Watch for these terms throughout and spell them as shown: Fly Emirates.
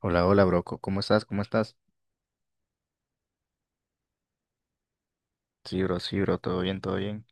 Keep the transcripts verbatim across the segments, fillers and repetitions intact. Hola, hola, bro. co- ¿Cómo estás? ¿Cómo estás? Sí, bro, sí, bro. Todo bien, todo bien.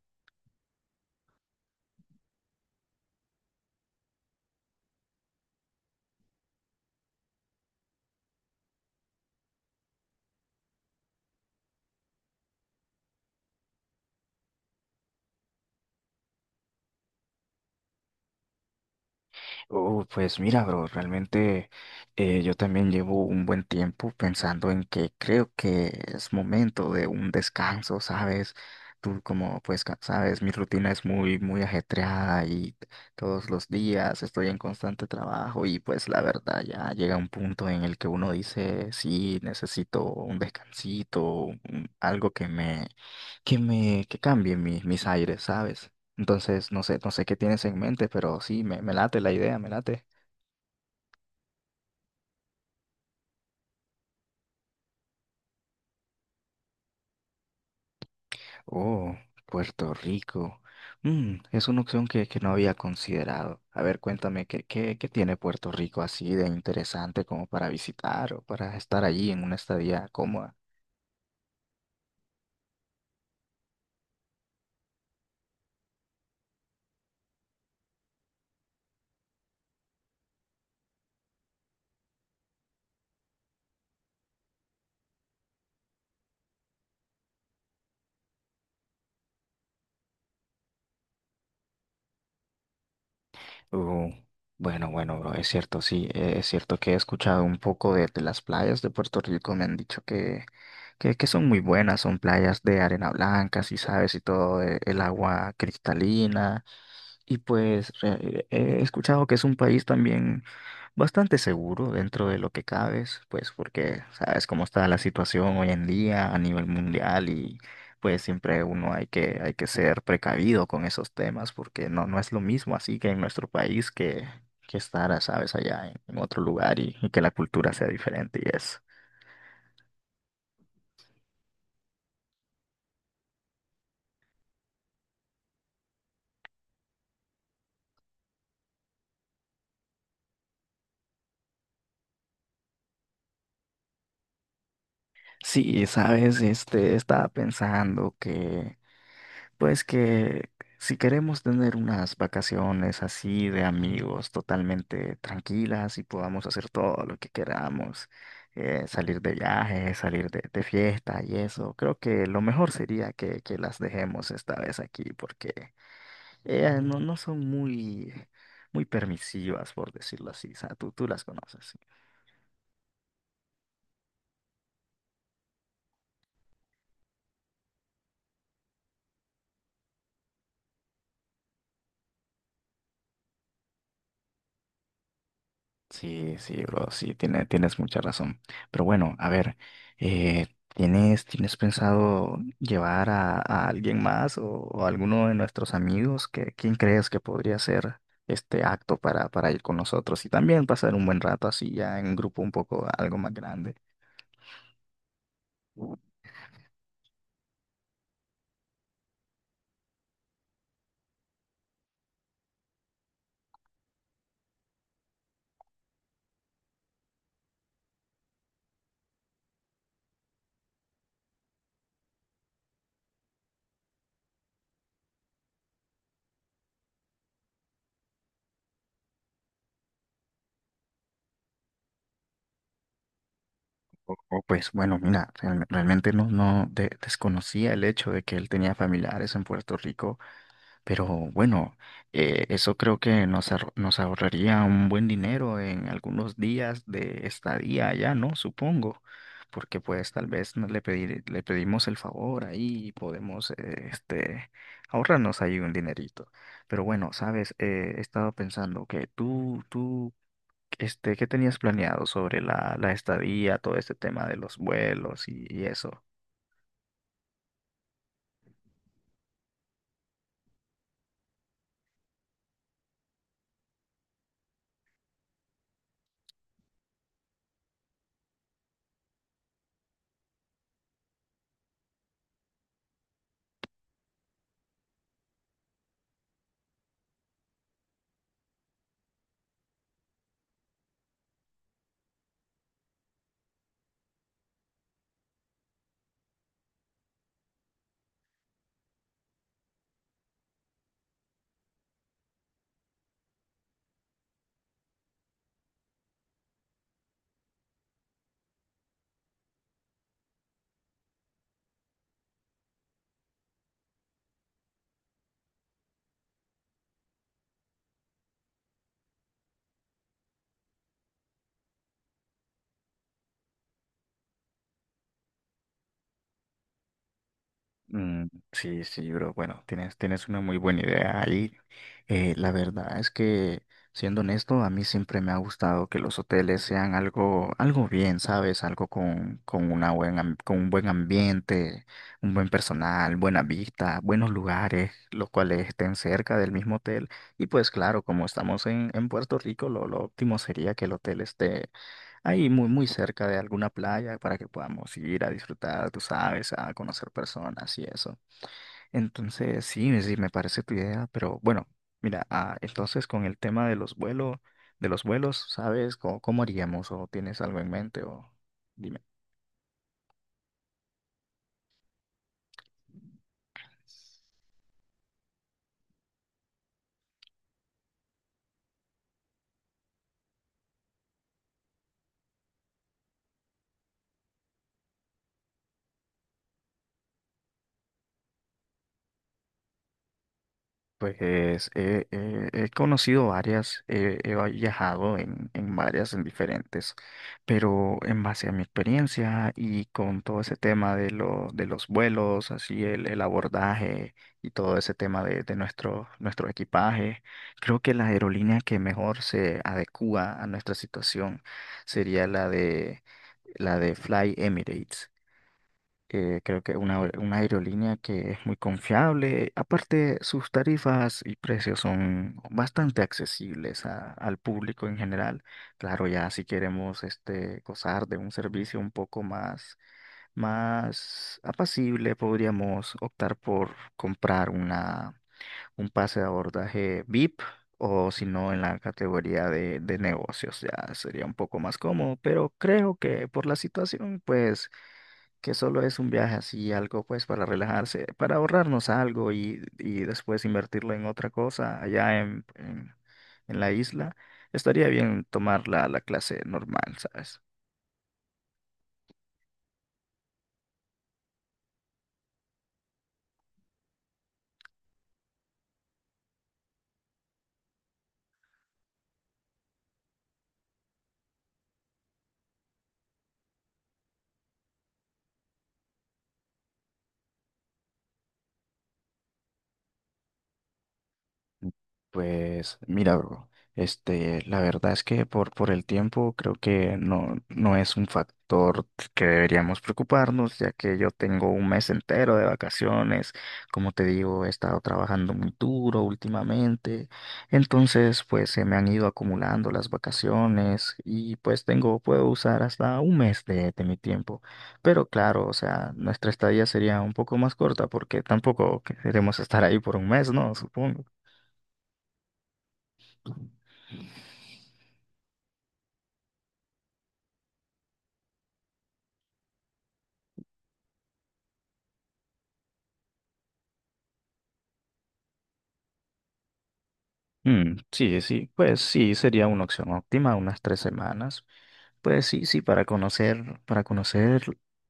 Oh, pues mira, bro, realmente eh, yo también llevo un buen tiempo pensando en que creo que es momento de un descanso, ¿sabes? Tú como pues ca- sabes, mi rutina es muy, muy ajetreada y todos los días estoy en constante trabajo y pues la verdad ya llega un punto en el que uno dice, sí, necesito un descansito, un- algo que me, que me, que cambie mi- mis aires, ¿sabes? Entonces, no sé, no sé qué tienes en mente, pero sí, me, me late la idea, me late. Oh, Puerto Rico. Mm, es una opción que, que no había considerado. A ver, cuéntame, ¿qué, qué, qué tiene Puerto Rico así de interesante como para visitar o para estar allí en una estadía cómoda? Oh, bueno, bueno, bro, es cierto, sí, eh, es cierto que he escuchado un poco de, de las playas de Puerto Rico, me han dicho que, que, que son muy buenas, son playas de arena blanca, si sabes, y todo, eh, el agua cristalina. Y pues re- eh, he escuchado que es un país también bastante seguro dentro de lo que cabes, pues porque sabes cómo está la situación hoy en día a nivel mundial y pues siempre uno hay que, hay que ser precavido con esos temas porque no, no es lo mismo así que en nuestro país que, que, estar, sabes, allá en, en otro lugar y, y que la cultura sea diferente y eso. Sí, sabes, este, estaba pensando que Pues que si queremos tener unas vacaciones así de amigos totalmente tranquilas y podamos hacer todo lo que queramos, eh, salir de viaje, salir de, de fiesta y eso, creo que lo mejor sería que, que las dejemos esta vez aquí porque ellas no, no son muy, muy permisivas, por decirlo así. O sea, tú, tú las conoces. Sí, sí, bro, sí, tiene- tienes mucha razón. Pero bueno, a ver, eh, ¿tienes, tienes pensado llevar a, a alguien más o, o alguno de nuestros amigos? ¿Qué- quién crees que podría ser este acto para, para ir con nosotros y también pasar un buen rato así ya en un grupo un poco algo más grande? O, o, pues bueno, mira, realme- realmente no, no de- desconocía el hecho de que él tenía familiares en Puerto Rico. Pero bueno, eh, eso creo que nos, ahor- nos ahorraría un buen dinero en algunos días de estadía allá, ¿no? Supongo, porque pues tal vez nos le pedir- le pedimos el favor ahí y podemos eh, este, ahorrarnos ahí un dinerito. Pero bueno, sabes, Eh, he estado pensando que tú, tú, este, ¿qué tenías planeado sobre la, la estadía, todo este tema de los vuelos y y eso? Mm, sí, sí, bro. Bueno, tienes, tienes una muy buena idea ahí. Eh, la verdad es que, siendo honesto, a mí siempre me ha gustado que los hoteles sean algo, algo, bien, ¿sabes? Algo con, con una buena, am- con un buen ambiente, un buen personal, buena vista, buenos lugares, los cuales estén cerca del mismo hotel. Y pues claro, como estamos en, en Puerto Rico, lo, lo óptimo sería que el hotel esté ahí muy, muy cerca de alguna playa para que podamos ir a disfrutar, tú sabes, a conocer personas y eso. Entonces, sí, sí, me parece tu idea, pero bueno, mira, ah, entonces con el tema de los vuelos, de los vuelos, ¿sabes? ¿Cómo, cómo haríamos? ¿O tienes algo en mente? O dime. Pues eh, eh, he conocido varias, eh, he viajado en, en varias, en diferentes, pero en base a mi experiencia y con todo ese tema de, lo- de los vuelos, así el, el abordaje y todo ese tema de, de nuestro, nuestro, equipaje, creo que la aerolínea que mejor se adecúa a nuestra situación sería la de, la de Fly Emirates. Eh, creo que una, una aerolínea que es muy confiable. Aparte, sus tarifas y precios son bastante accesibles a- al público en general. Claro, ya si queremos este, gozar de un servicio un poco más, más apacible, podríamos optar por comprar una, un pase de abordaje VIP. O si no en la categoría de, de negocios ya sería un poco más cómodo, pero creo que por la situación pues que solo es un viaje así, algo pues para relajarse, para ahorrarnos algo y, y después invertirlo en otra cosa allá en, en, en la isla, estaría bien tomar la, la clase normal, ¿sabes? Pues mira, bro, este, la verdad es que por, por el tiempo creo que no, no es un factor que deberíamos preocuparnos, ya que yo tengo un mes entero de vacaciones, como te digo, he estado trabajando muy duro últimamente, entonces pues se me han ido acumulando las vacaciones y pues tengo, puedo usar hasta un mes de, de mi tiempo, pero claro, o sea, nuestra estadía sería un poco más corta porque tampoco queremos estar ahí por un mes, ¿no? Supongo. Mm, sí, sí, pues sí, sería una opción óptima, unas tres semanas. Pues sí, sí, para conocer, para conocer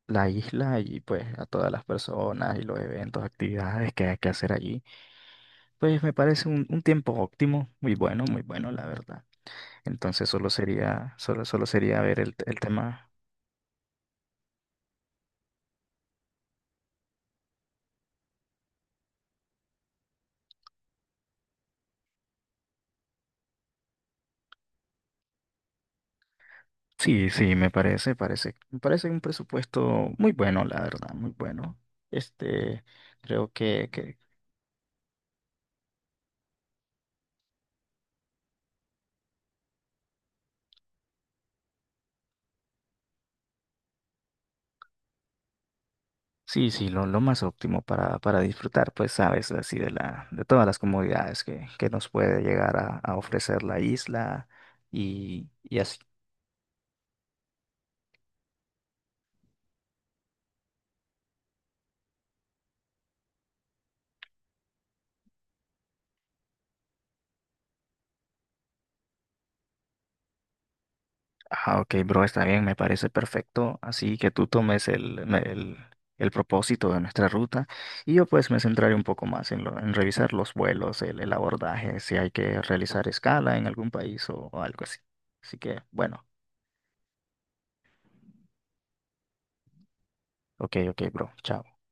la isla y pues a todas las personas y los eventos, actividades que hay que hacer allí, pues me parece un, un tiempo óptimo, muy bueno, muy bueno, la verdad. Entonces solo sería, solo, solo sería ver el, el tema. Sí, sí, me parece, parece, me parece un presupuesto muy bueno, la verdad, muy bueno. Este, creo que, que Sí, sí, lo, lo más óptimo para, para disfrutar, pues sabes, así de la, de todas las comodidades que, que nos puede llegar a, a ofrecer la isla y, y así. Ah, ok, bro, está bien, me parece perfecto. Así que tú tomes el, me- el, el propósito de nuestra ruta y yo pues me centraré un poco más en, lo- en revisar los vuelos, el, el abordaje, si hay que realizar escala en algún país o, o algo así. Así que, bueno, ok, ok, bro, chao.